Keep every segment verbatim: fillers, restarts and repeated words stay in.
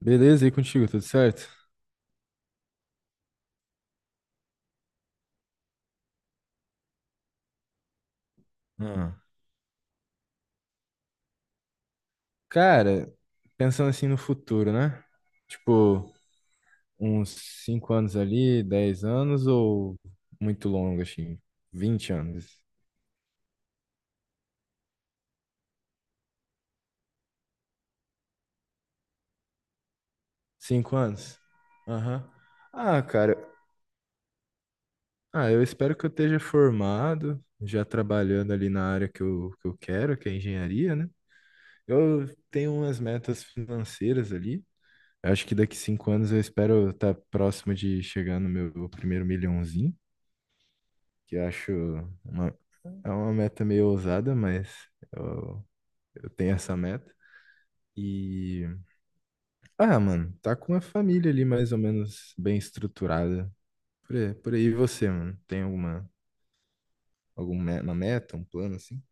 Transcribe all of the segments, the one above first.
Beleza, e contigo, tudo certo? Ah, cara, pensando assim no futuro, né? Tipo, uns cinco anos ali, dez anos ou muito longo, assim, vinte anos? Cinco anos? Aham. Ah, cara, ah, eu espero que eu esteja formado, já trabalhando ali na área que eu, que eu quero, que é engenharia, né? Eu tenho umas metas financeiras ali. Acho que daqui cinco anos eu espero estar próximo de chegar no meu primeiro milhãozinho. Que eu acho uma, é uma meta meio ousada, mas eu, eu tenho essa meta. E, ah, mano, tá com a família ali mais ou menos bem estruturada. Por aí, por aí, e você, mano, tem alguma, alguma uma meta, um plano assim?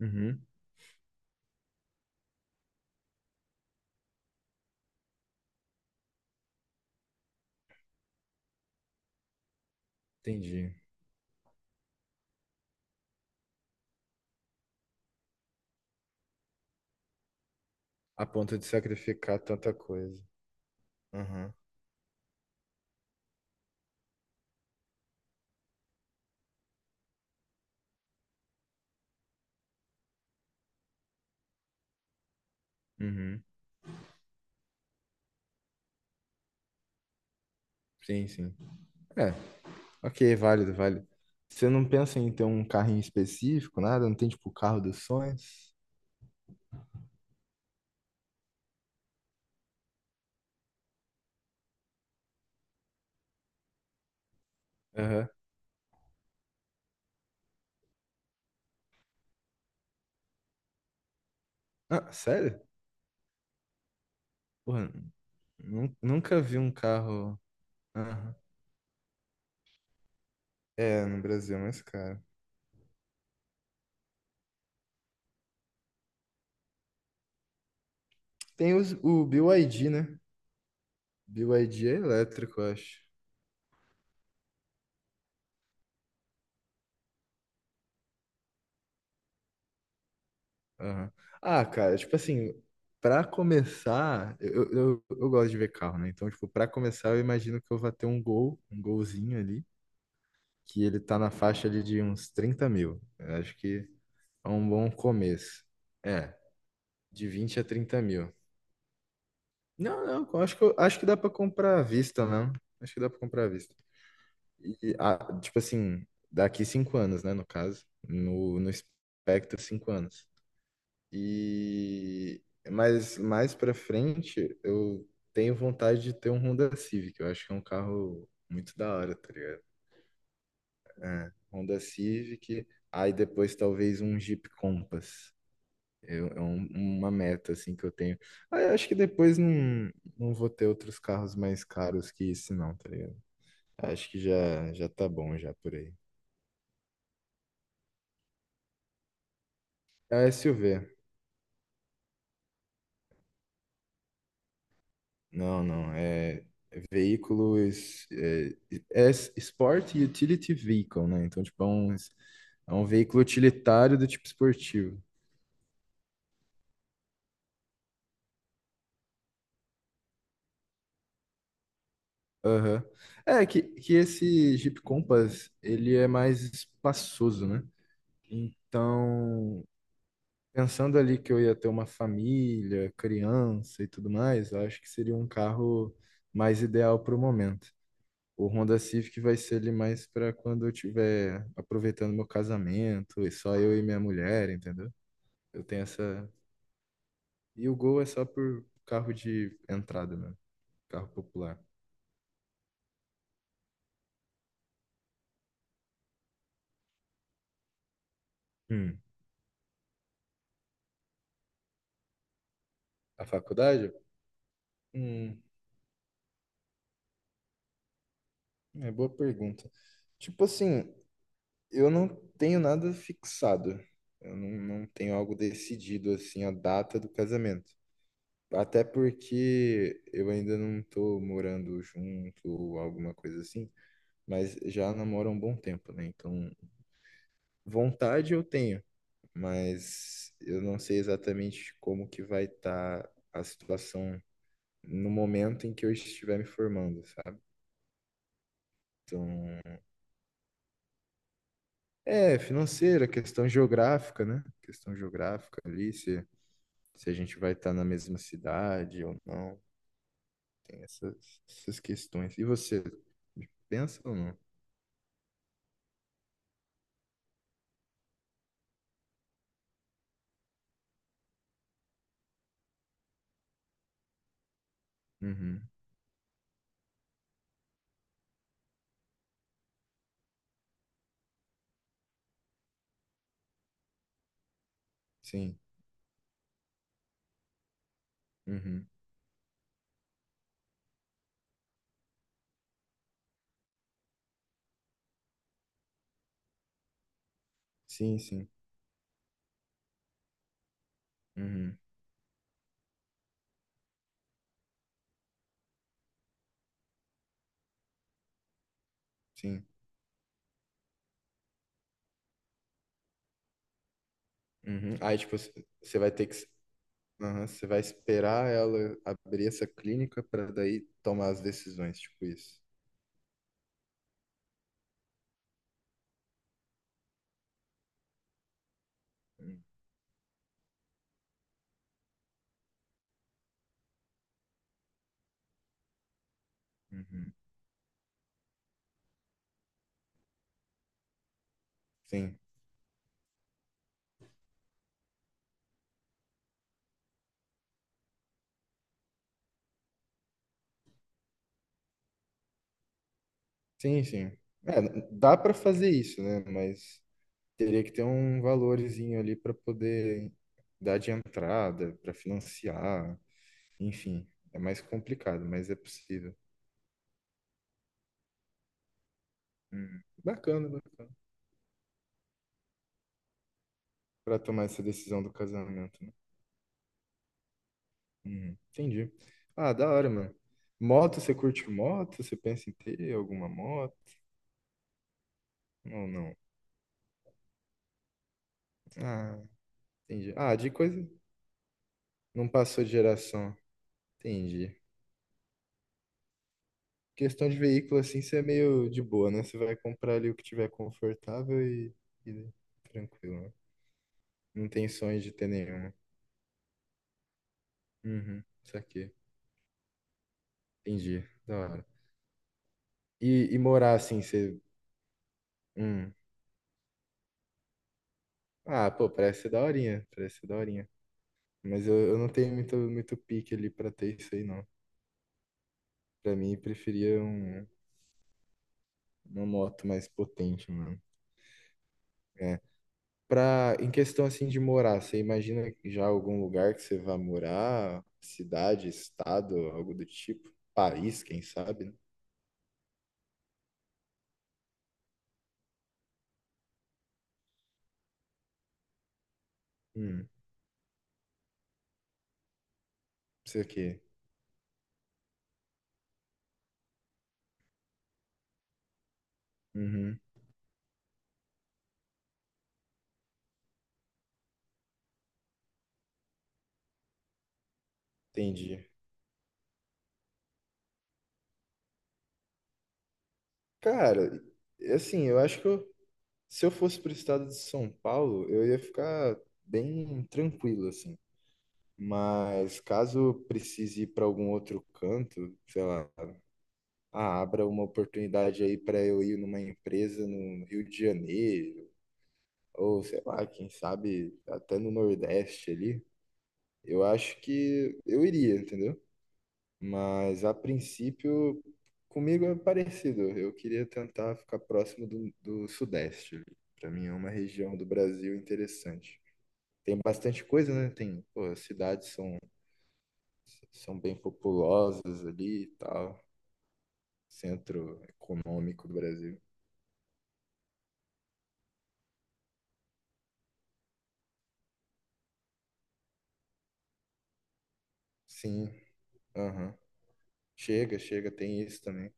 Uhum, entendi. A ponto de sacrificar tanta coisa. Aham, uhum, sim, sim. É, ok, válido, válido. Você não pensa em ter um carrinho específico, nada? Não tem, tipo, o carro dos sonhos? Aham. Ah, sério? Porra, Nun- nunca vi um carro. Aham. É, no Brasil, é mais caro. Tem os, o B Y D, né? B Y D é elétrico, eu acho. Aham. Ah, cara, tipo assim, pra começar, eu, eu, eu gosto de ver carro, né? Então, tipo, pra começar, eu imagino que eu vá ter um Gol, um Golzinho ali, que ele tá na faixa ali de uns trinta mil. Eu acho que é um bom começo. É, de vinte a trinta mil. Não, não, eu acho que, eu- acho que dá pra comprar à vista, né? Acho que dá pra comprar à vista. E, ah, tipo assim, daqui cinco anos, né, no caso, no, no espectro, cinco anos. E mas mais para frente, eu tenho vontade de ter um Honda Civic. Eu acho que é um carro muito da hora, tá ligado? É, Honda Civic, aí depois talvez um Jeep Compass. Eu- é um- uma meta assim que eu tenho. Aí eu acho que depois não, não vou ter outros carros mais caros que esse não, tá ligado? Acho que já já tá bom já por aí. É S U V. Não, não. É veículos. É, é Sport Utility Vehicle, né? Então, tipo, é um, é um veículo utilitário do tipo esportivo. Aham. É que, que esse Jeep Compass, ele é mais espaçoso, né? Então, pensando ali que eu ia ter uma família, criança e tudo mais, eu acho que seria um carro mais ideal para o momento. O Honda Civic vai ser ali mais pra quando eu tiver aproveitando meu casamento, e só eu e minha mulher, entendeu? Eu tenho essa. E o Gol é só por carro de entrada, né? Carro popular. Hum. A faculdade? Hum, é boa pergunta. Tipo assim, eu não tenho nada fixado. Eu não, não tenho algo decidido, assim, a data do casamento. Até porque eu ainda não tô morando junto ou alguma coisa assim. Mas já namoro há um bom tempo, né? Então, vontade eu tenho, mas eu não sei exatamente como que vai estar a situação no momento em que eu estiver me formando, sabe? Então, é financeira, questão geográfica, né? Questão geográfica ali, se, se a gente vai estar na mesma cidade ou não, tem essas, essas questões. E você, pensa ou não? Uhum, sim, uhum, sim, sim, uhum, sim. Uhum. Aí, tipo, você vai ter que. Aham, você vai esperar ela abrir essa clínica para daí tomar as decisões, tipo isso. Uhum. Sim, sim, sim. É, dá para fazer isso, né? Mas teria que ter um valorzinho ali para poder dar de entrada, para financiar, enfim, é mais complicado, mas é possível. Uhum. Bacana, bacana. Para tomar essa decisão do casamento, né? Uhum. Entendi. Ah, da hora, mano. Moto, você curte moto? Você pensa em ter alguma moto? Ou não? Ah, entendi. Ah, de coisa. Não passou de geração. Entendi. Questão de veículo, assim, você é meio de boa, né? Você vai comprar ali o que tiver confortável e, e tranquilo, né? Não tem sonho de ter nenhuma. Uhum, isso aqui. Entendi. Da hora. E, e morar, assim, você. Hum. Ah, pô, parece ser daorinha. Parece ser daorinha. Mas eu, eu não tenho muito, muito pique ali pra ter isso aí, não. Pra mim, preferia um, uma moto mais potente, mano. É, pra, em questão assim de morar, você imagina já algum lugar que você vá morar? Cidade, estado, algo do tipo? País, quem sabe, né? Hum, sei o quê. Uhum, entendi. Cara, assim, eu acho que eu- se eu fosse pro estado de São Paulo, eu ia ficar bem tranquilo, assim. Mas caso precise ir para algum outro canto, sei lá, ah, abra uma oportunidade aí para eu ir numa empresa no Rio de Janeiro. Ou sei lá, quem sabe até no Nordeste ali, eu acho que eu iria, entendeu? Mas a princípio, comigo é parecido. Eu queria tentar ficar próximo do, do Sudeste. Para mim é uma região do Brasil interessante. Tem bastante coisa, né? Tem, pô, as cidades são, são bem populosas ali e tal. Centro econômico do Brasil. Sim, aham. Chega, chega, tem isso também.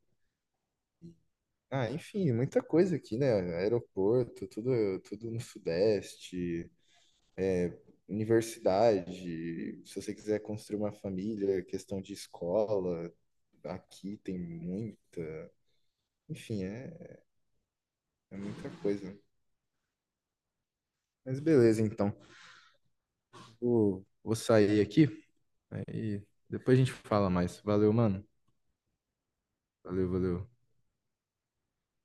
Ah, enfim, muita coisa aqui, né? Aeroporto, tudo, tudo no Sudeste, universidade. Se você quiser construir uma família, questão de escola, aqui tem muito. Enfim, é, é muita coisa. Mas beleza, então. Vou, vou sair aqui, aí depois a gente fala mais. Valeu, mano. Valeu, valeu.